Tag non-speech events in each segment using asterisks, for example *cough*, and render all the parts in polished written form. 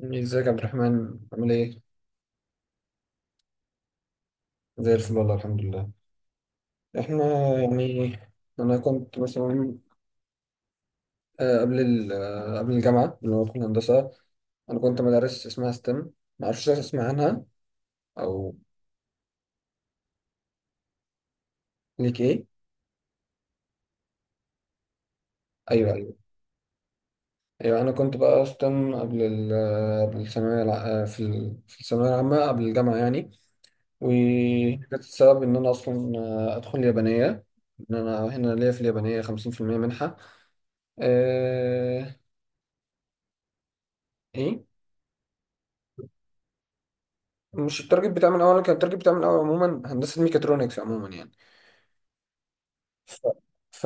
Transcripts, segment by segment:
ازيك يا عبد الرحمن؟ عامل ايه؟ زي الفل والله، الحمد لله. احنا يعني انا كنت مثلا، آه، قبل ال- آه، قبل الجامعة اللي هو في الهندسة، انا كنت مدارس اسمها ستيم. معرفش اسمع عنها او... ليك ايه؟ ايوه، ايوه، ايوه، انا كنت بقى ستيم قبل الثانوية الع- آه، في ال- في الثانوية العامة، قبل الجامعة يعني. وكانت السبب ان انا اصلا ادخل يابانية، ان انا هنا ليا في اليابانية 50% منحة. آه، ايه؟ مش التارجت بتاع من الاول. كان التارجت بتاع من الاول عموما هندسه ميكاترونكس عموما يعني. ف... ف...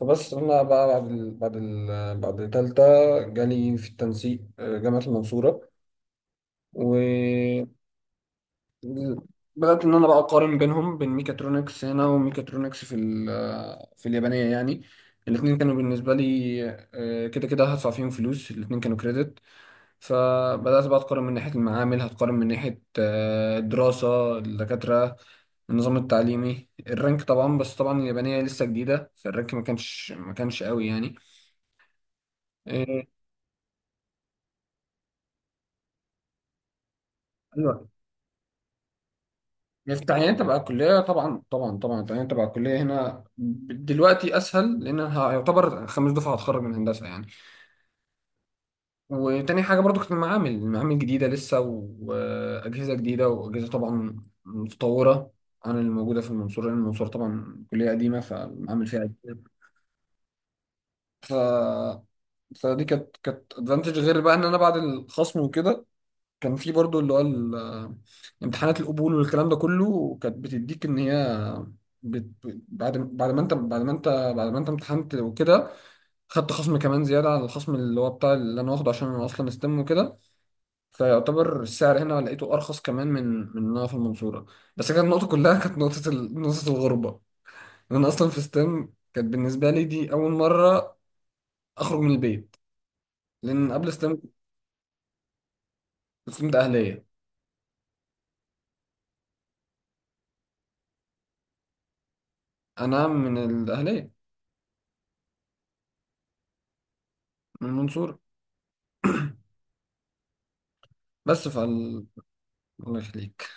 فبس انا بقى بعد تالتة جالي في التنسيق جامعه المنصوره. و... بدات ان انا بقى اقارن بينهم، بين ميكاترونكس هنا وميكاترونكس في اليابانيه يعني. الاثنين كانوا بالنسبه لي كده كده هدفع فيهم فلوس، الاثنين كانوا كريدت. فبدأت بقى أتقارن من ناحية المعامل، هتقارن من ناحية الدراسة، الدكاترة، النظام التعليمي، الرانك طبعا. بس طبعا اليابانية لسه جديدة فالرانك ما كانش قوي يعني. إيه، ايوه، يعني في التعيين تبع الكلية طبعا. طبعا طبعا التعيين تبع الكلية هنا دلوقتي أسهل، لأن أنا هيعتبر خمس دفعة هتخرج من هندسة يعني. وتاني حاجة برضو كانت المعامل. جديدة لسه، وأجهزة جديدة، وأجهزة طبعا متطورة عن اللي موجودة في المنصورة، لأن المنصورة طبعا كلية قديمة فالمعامل فيها جديدة. ف... فدي كانت ادفانتج. غير بقى إن أنا بعد الخصم وكده كان في برضو اللي هو امتحانات القبول والكلام ده كله، كانت بتديك إن هي بت... بعد ما أنت امتحنت وكده، خدت خصم كمان زيادة على الخصم اللي هو بتاع اللي أنا واخده عشان أنا أصلا استم وكده. فيعتبر السعر هنا لقيته ارخص كمان من من إن انا في المنصوره. بس كانت النقطه كلها كانت نقطه الغربه، إن انا اصلا في ستيم كانت بالنسبه لي دي اول مره اخرج من البيت، لان قبل ستيم كنت ستودنت اهليه. انا من الاهليه، من المنصوره. بس فال... الله يخليك.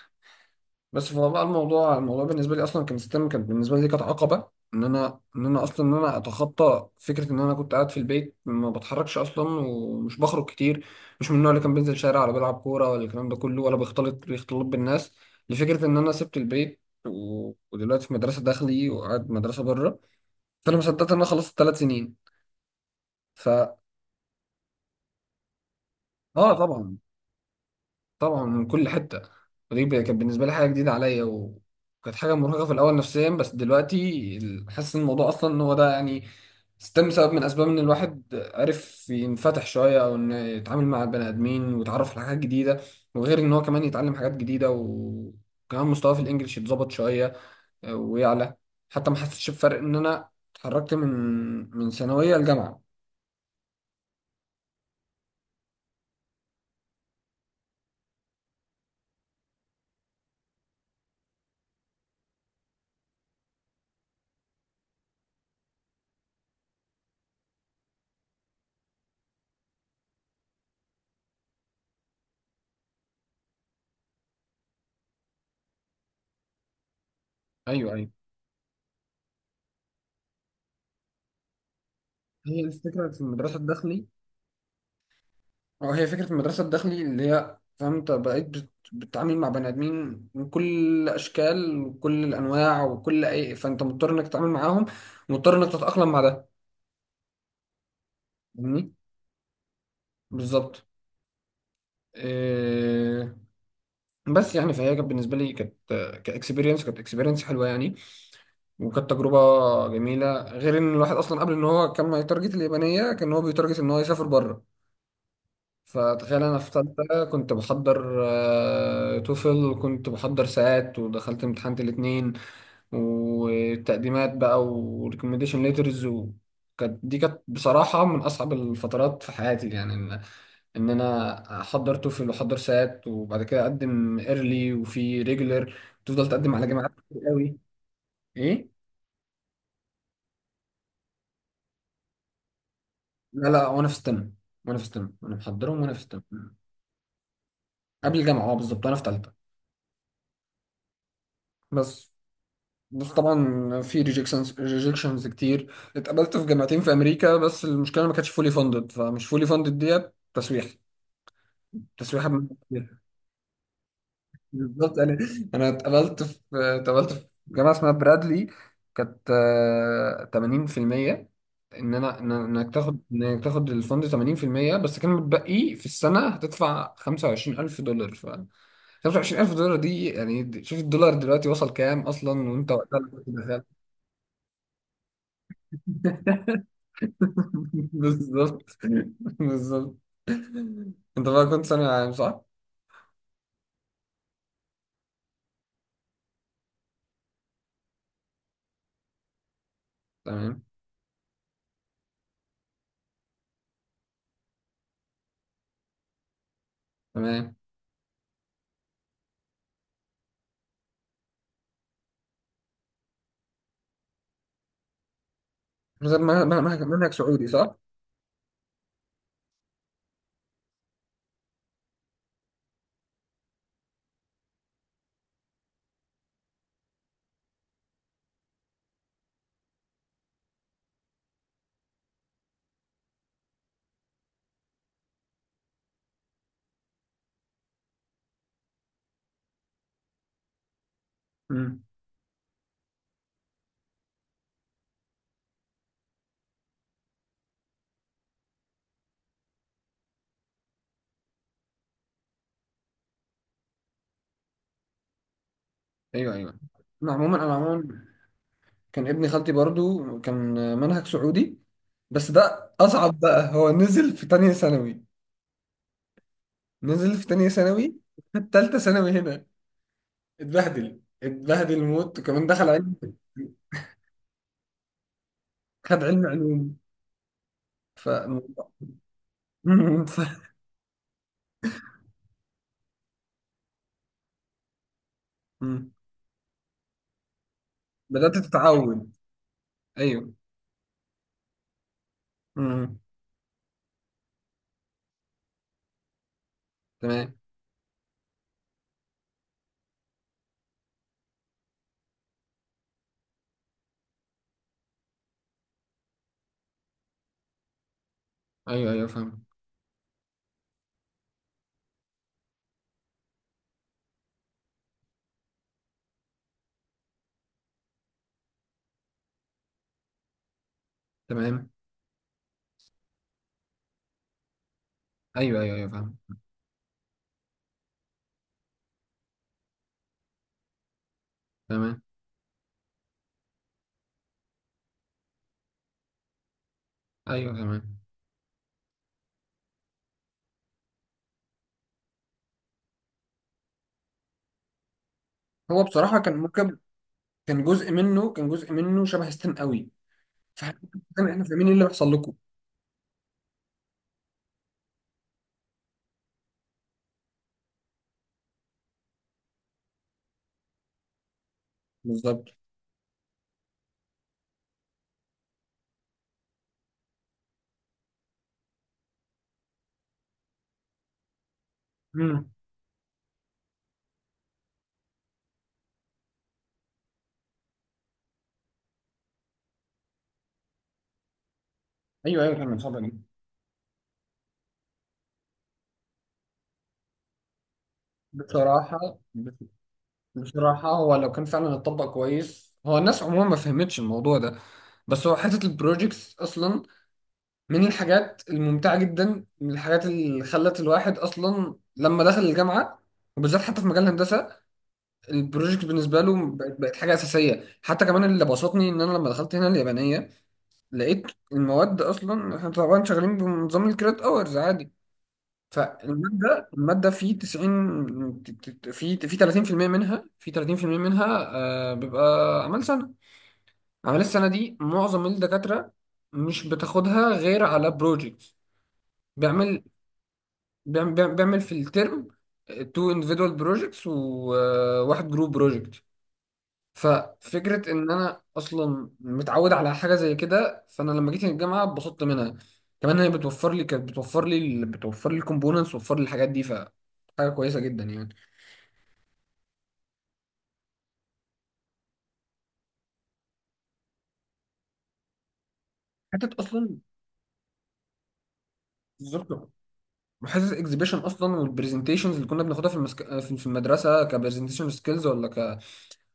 بس فهو بقى، الموضوع بالنسبه لي اصلا، كان ستيم كانت بالنسبه لي عقبه، ان انا اتخطى فكره ان انا كنت قاعد في البيت ما بتحركش اصلا ومش بخرج كتير، مش من النوع اللي كان بينزل شارع ولا بيلعب كوره ولا الكلام ده كله ولا بيختلط بالناس. لفكره ان انا سبت البيت، ودلوقتي في مدرسه داخلي وقاعد مدرسه بره. فانا ما صدقت ان انا خلصت 3 سنين. ف... اه طبعا. طبعا من كل حته. ودي كانت بالنسبه لي حاجه جديده عليا، وكانت حاجه مرهقه في الاول نفسيا. بس دلوقتي حاسس ان الموضوع اصلا ان هو ده يعني، ستيم سبب من اسباب ان الواحد عرف ينفتح شويه، او انه يتعامل مع البني ادمين ويتعرف على حاجات جديده. وغير ان هو كمان يتعلم حاجات جديده، وكمان مستواه في الانجليش يتظبط شويه ويعلى. حتى ما حسيتش بفرق ان انا اتحركت من ثانويه لجامعه. ايوه، ايوه، هي الفكره في المدرسه الداخلي. اه، هي فكرة المدرسة الداخلي اللي هي، فاهم، انت بقيت بتتعامل مع بني آدمين من كل الأشكال وكل الأنواع وكل أي، فأنت مضطر إنك تتعامل معاهم، مضطر إنك تتأقلم مع ده. فاهمني؟ بالظبط. إيه. بس يعني، فهي كانت بالنسبة لي، كإكسبيرينس، كانت إكسبيرينس حلوة يعني، وكانت تجربة جميلة. غير إن الواحد أصلا قبل إن هو كان ما يتارجت اليابانية، كان هو بيتارجت إن هو يسافر بره. فتخيل انا في ثالثه كنت بحضر توفل وكنت بحضر ساعات ودخلت امتحان الاثنين وتقديمات بقى وريكومنديشن ليترز. وكانت دي كانت بصراحه من اصعب الفترات في حياتي يعني، ان انا احضر توفل واحضر ساعات وبعد كده اقدم ايرلي وفي ريجولر، تفضل تقدم على جامعات كتير قوي. ايه؟ لا، لا، وانا في ستم، وانا محضرهم وانا في ستم. قبل الجامعه، اه، بالظبط، وانا في ثالثه. بس. بس طبعا في ريجكشنز كتير. اتقبلت في جامعتين في امريكا بس المشكله ما كانتش فولي فاندد. فمش فولي فاندد ديت تسويح، تسويح بمعنى الكلمة. بالظبط. انا. انا اتقبلت في جامعه اسمها برادلي، كانت 80%. ان انا، انك تاخد، الفند 80%. بس كان متبقي في السنه هتدفع 25,000 دولار. ف... 25,000 دولار دي، يعني شوف الدولار دلوقتي وصل كام اصلا وانت وقتها. بالظبط. بالظبط. انت بقى كنت ثانوي عام صح؟ تمام. تمام. طب ما- ما- ما- منهج سعودي صح؟ امم. ايوه، ايوه. انا عموما. انا عموما كان ابن خالتي برضو كان منهج سعودي. بس ده اصعب بقى، هو نزل في تانية ثانوي. نزل في تانية ثانوي في تالتة ثانوي هنا. اتبهدل موت، وكمان دخل علم. خد علم علوم. ف... *laughs* ف- بدأت تتعود. ايوه. مم. تمام. ايوه، ايوه، فاهم. تمام. ايوه، ايوه، ايوه، فاهم. تمام. ايوه. تمام. هو بصراحه كان ممكن، كان جزء منه شبه ستيم قوي. فاحنا احنا فاهمين ايه اللي بيحصل لكم. بالظبط. امم. ايوه، ايوه، تمام. اتفضل يا جماعة. بصراحه. بصراحه هو لو كان فعلا اتطبق كويس، هو الناس عموما ما فهمتش الموضوع ده. بس هو حته البروجيكتس اصلا من الحاجات الممتعه جدا، من الحاجات اللي خلت الواحد اصلا لما دخل الجامعه، وبالذات حتى في مجال الهندسه البروجكت بالنسبه له بقت حاجه اساسيه. حتى كمان اللي بسطني ان انا لما دخلت هنا اليابانيه لقيت المواد اصلا، احنا طبعا شغالين بنظام الكريدت اورز عادي، فالماده. في 90، في في 30% منها، بيبقى اعمال سنه. اعمال السنه دي معظم الدكاتره مش بتاخدها غير على بروجكت. بيعمل. بيعمل في الترم تو individual projects وواحد جروب بروجكت. ففكرة إن أنا أصلا متعود على حاجة زي كده، فأنا لما جيت الجامعة اتبسطت منها. كمان هي بتوفر لي، كانت بتوفر لي ال- بتوفر لي الكومبوننتس وتوفر لي الحاجات دي، فحاجة كويسة جدا يعني. حتة أصلا، بالظبط. وحته الاكزيبيشن اصلا والبرزنتيشنز اللي كنا بناخدها في المسك... في في المدرسه كبرزنتيشن سكيلز، ولا ك...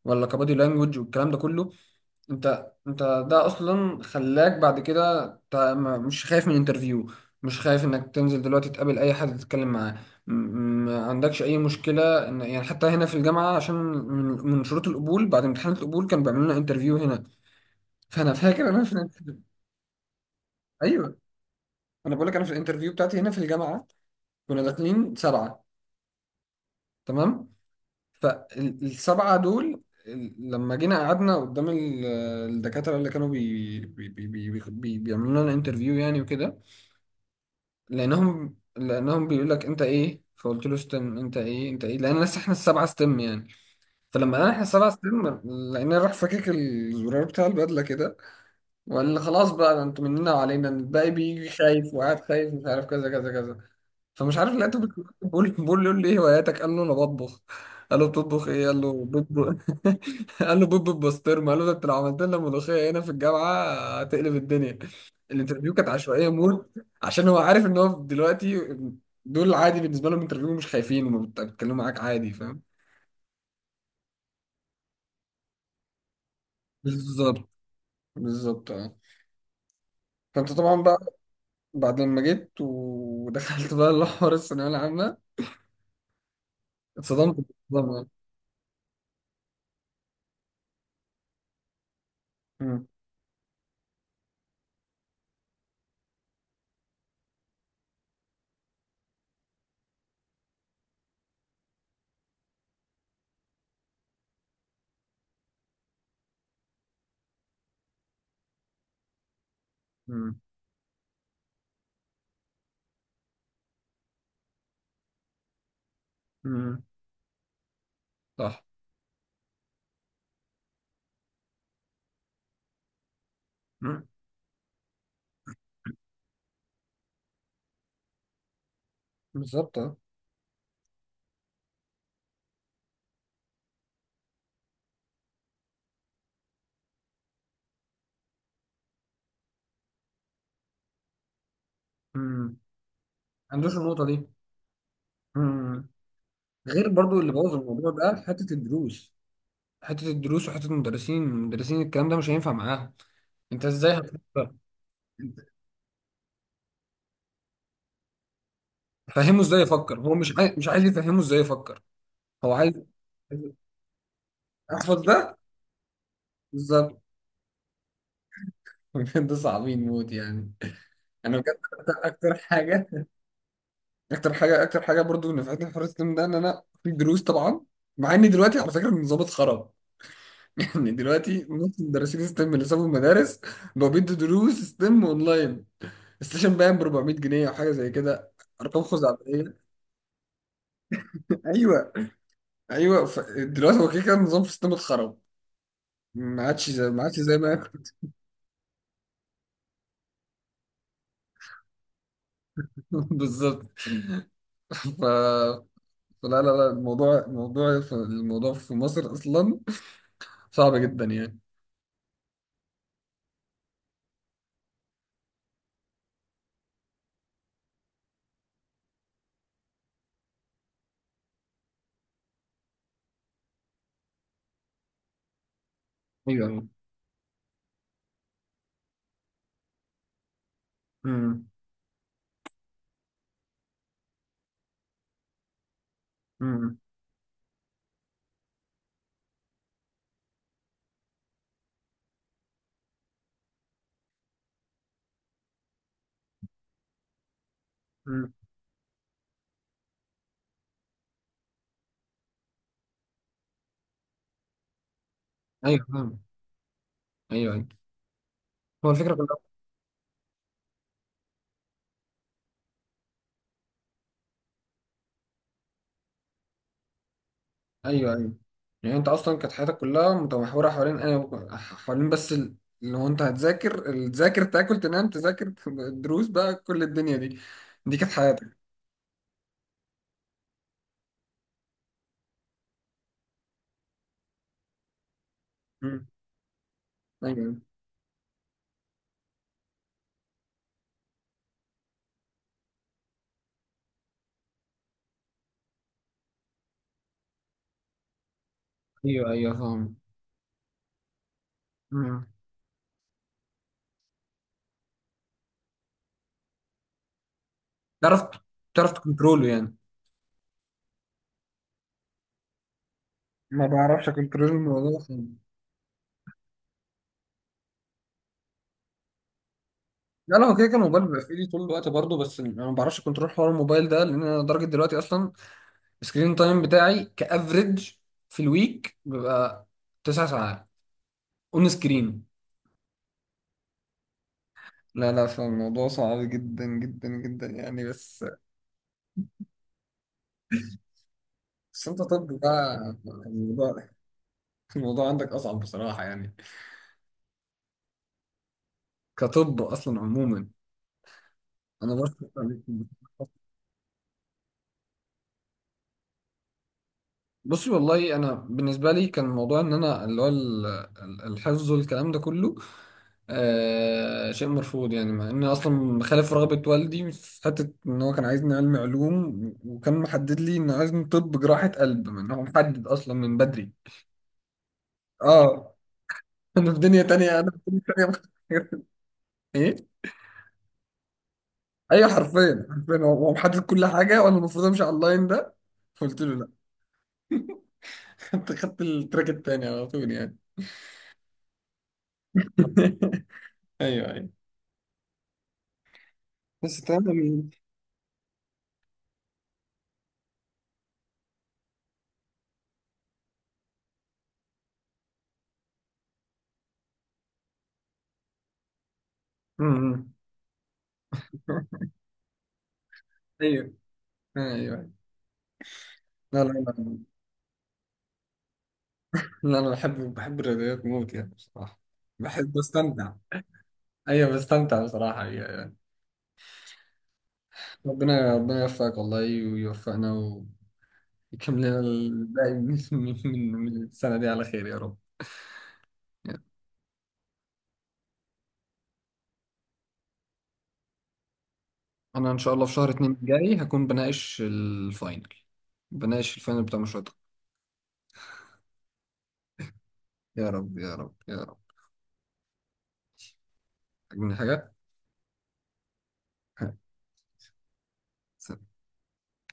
ولا كبادي لانجوج، والكلام ده كله. انت، ده اصلا خلاك بعد كده انت مش خايف من انترفيو، مش خايف انك تنزل دلوقتي تقابل اي حد تتكلم معاه. م- ما عندكش اي مشكله، ان يعني حتى هنا في الجامعه، عشان من شروط القبول بعد امتحان القبول كانوا بيعملوا لنا انترفيو هنا. فانا فاكر انا في الانترفيو. ايوه. انا بقول لك، انا في الانترفيو بتاعتي هنا في الجامعه كنا داخلين سبعه. تمام. فالسبعه دول، لما جينا قعدنا قدام الدكاتره اللي كانوا بي بي بي بي بي بيعملوا لنا انترفيو يعني وكده. لانهم بيقول لك انت ايه، فقلت له ستيم. انت ايه، انت ايه، لان لسه احنا السبعه ستيم يعني. فلما قال احنا السبعه ستيم، لان راح فكك الزرار بتاع البدله كده، وقال لي خلاص بقى ده انتوا مننا وعلينا الباقي، بيجي خايف وقاعد خايف مش عارف كذا كذا كذا. فمش عارف، لقيته بيقول بقول بقول له ايه هواياتك، قال له انا بطبخ. قال له بتطبخ ايه، قال له بيض. *laughs* قال له بيض بالبسطرمه، قال له ده انت لو عملت لنا ملوخيه هنا في الجامعه هتقلب الدنيا. الانترفيو كانت عشوائيه موت، عشان هو عارف ان هو دلوقتي دول عادي بالنسبه لهم انترفيو، مش خايفين بيتكلموا معاك عادي. فاهم. بالظبط، بالظبط، اه. فانت طبعا بقى بعد لما جيت ودخلت بقى الحوار الثانويه العامه اتصدمت بالنظام. اه. مم. مم. مم. صح. مم. بالظبط. آه. امم. عندوش النقطة دي. امم. غير برضو اللي بوظ الموضوع ده حتة الدروس. وحتة المدرسين. الكلام ده مش هينفع معاهم. انت ازاي هتفكر؟ انت فهمه ازاي يفكر؟ هو مش عايز، يفهمه ازاي يفكر. هو عايز احفظ ده. بالظبط. *laughs* بجد صعبين موت يعني. انا بجد اكتر، أكتر حاجة, اكتر حاجة برضو نفعتني في حوار السلم ده ان انا في دروس طبعا. مع اني دلوقتي على فكرة النظام اتخرب، ان دلوقتي نص مدرسين ستيم اللي سابوا المدارس بقوا بيدوا دروس ستيم اونلاين. السيشن باين ب 400 جنيه او حاجه زي كده، ارقام خزعبليه. ايوه. ايوه. دلوقتي هو كده كده النظام في ستيم اتخرب، ما عادش زي ما كان. *laughs* بالظبط. ف... فلا لا لا الموضوع، الموضوع في مصر اصلا صعب جدا يعني. ايوه، ايوه. امم. امم. أمم. ايوه، فاهم. ايوه، ايوه. هو الفكره كلها. ايوه، ايوه. يعني انت اصلا كانت حياتك كلها متمحوره حوالين اللي هو انت هتذاكر، تذاكر، تاكل، تنام، تذاكر الدروس بقى، كل الدنيا دي دي كانت حياتك. مم. ايوه، ايوه، ايوه، فاهم. مم. تعرف، تكنترول يعني. ما بعرفش اكنترول الموضوع خالص. لا، لا، هو كده كان الموبايل بيبقى في ايدي طول الوقت برضه. بس انا ما بعرفش اكنترول حوار الموبايل ده، لان انا لدرجه دلوقتي اصلا السكرين تايم بتاعي كافريج، في الويك بيبقى 9 ساعات اون سكرين. لا، لا، فالموضوع صعب جدا جدا جدا يعني. بس. بس انت طب بقى الموضوع، عندك اصعب بصراحة يعني، كطب اصلا عموما. انا برضه. بصي. *laughs* والله انا بالنسبة لي كان الموضوع ان انا اللي هو الحفظ والكلام ده كله، شيء مرفوض يعني. مع اني اصلا خالف رغبة والدي في حتة ان هو كان عايزني علمي علوم، وكان محدد لي انه عايزني طب جراحة قلب، من هو محدد اصلا من بدري. اه. انا في دنيا تانية. انا في دنيا تانية. *laughs* ايه. ايوه، حرفيا، حرفيا، هو محدد كل حاجه وانا المفروض امشي على اللاين ده. فقلت له لا. *laughs* خدت التراك التاني على طول يعني. *laughs* ايوه، ايوه. بس تمام. أمم. *laughs* ايوه، ايوه. لا، لا، لا، لا، انا بحب، بحب الرياضيات موت يعني بصراحه. بحب، بستمتع. ايوه، بستمتع بصراحه. أيوة. أيوة. ربنا، يوفقك والله، ويوفقنا، ويكمل لنا الباقي من السنه دي على خير يا رب. انا ان شاء الله في شهر اتنين الجاي هكون بناقش الفاينل، بناقش الفاينل بتاع مشروع التخرج. يا رب، يا رب، يا رب. عاجبني حاجة. *laughs*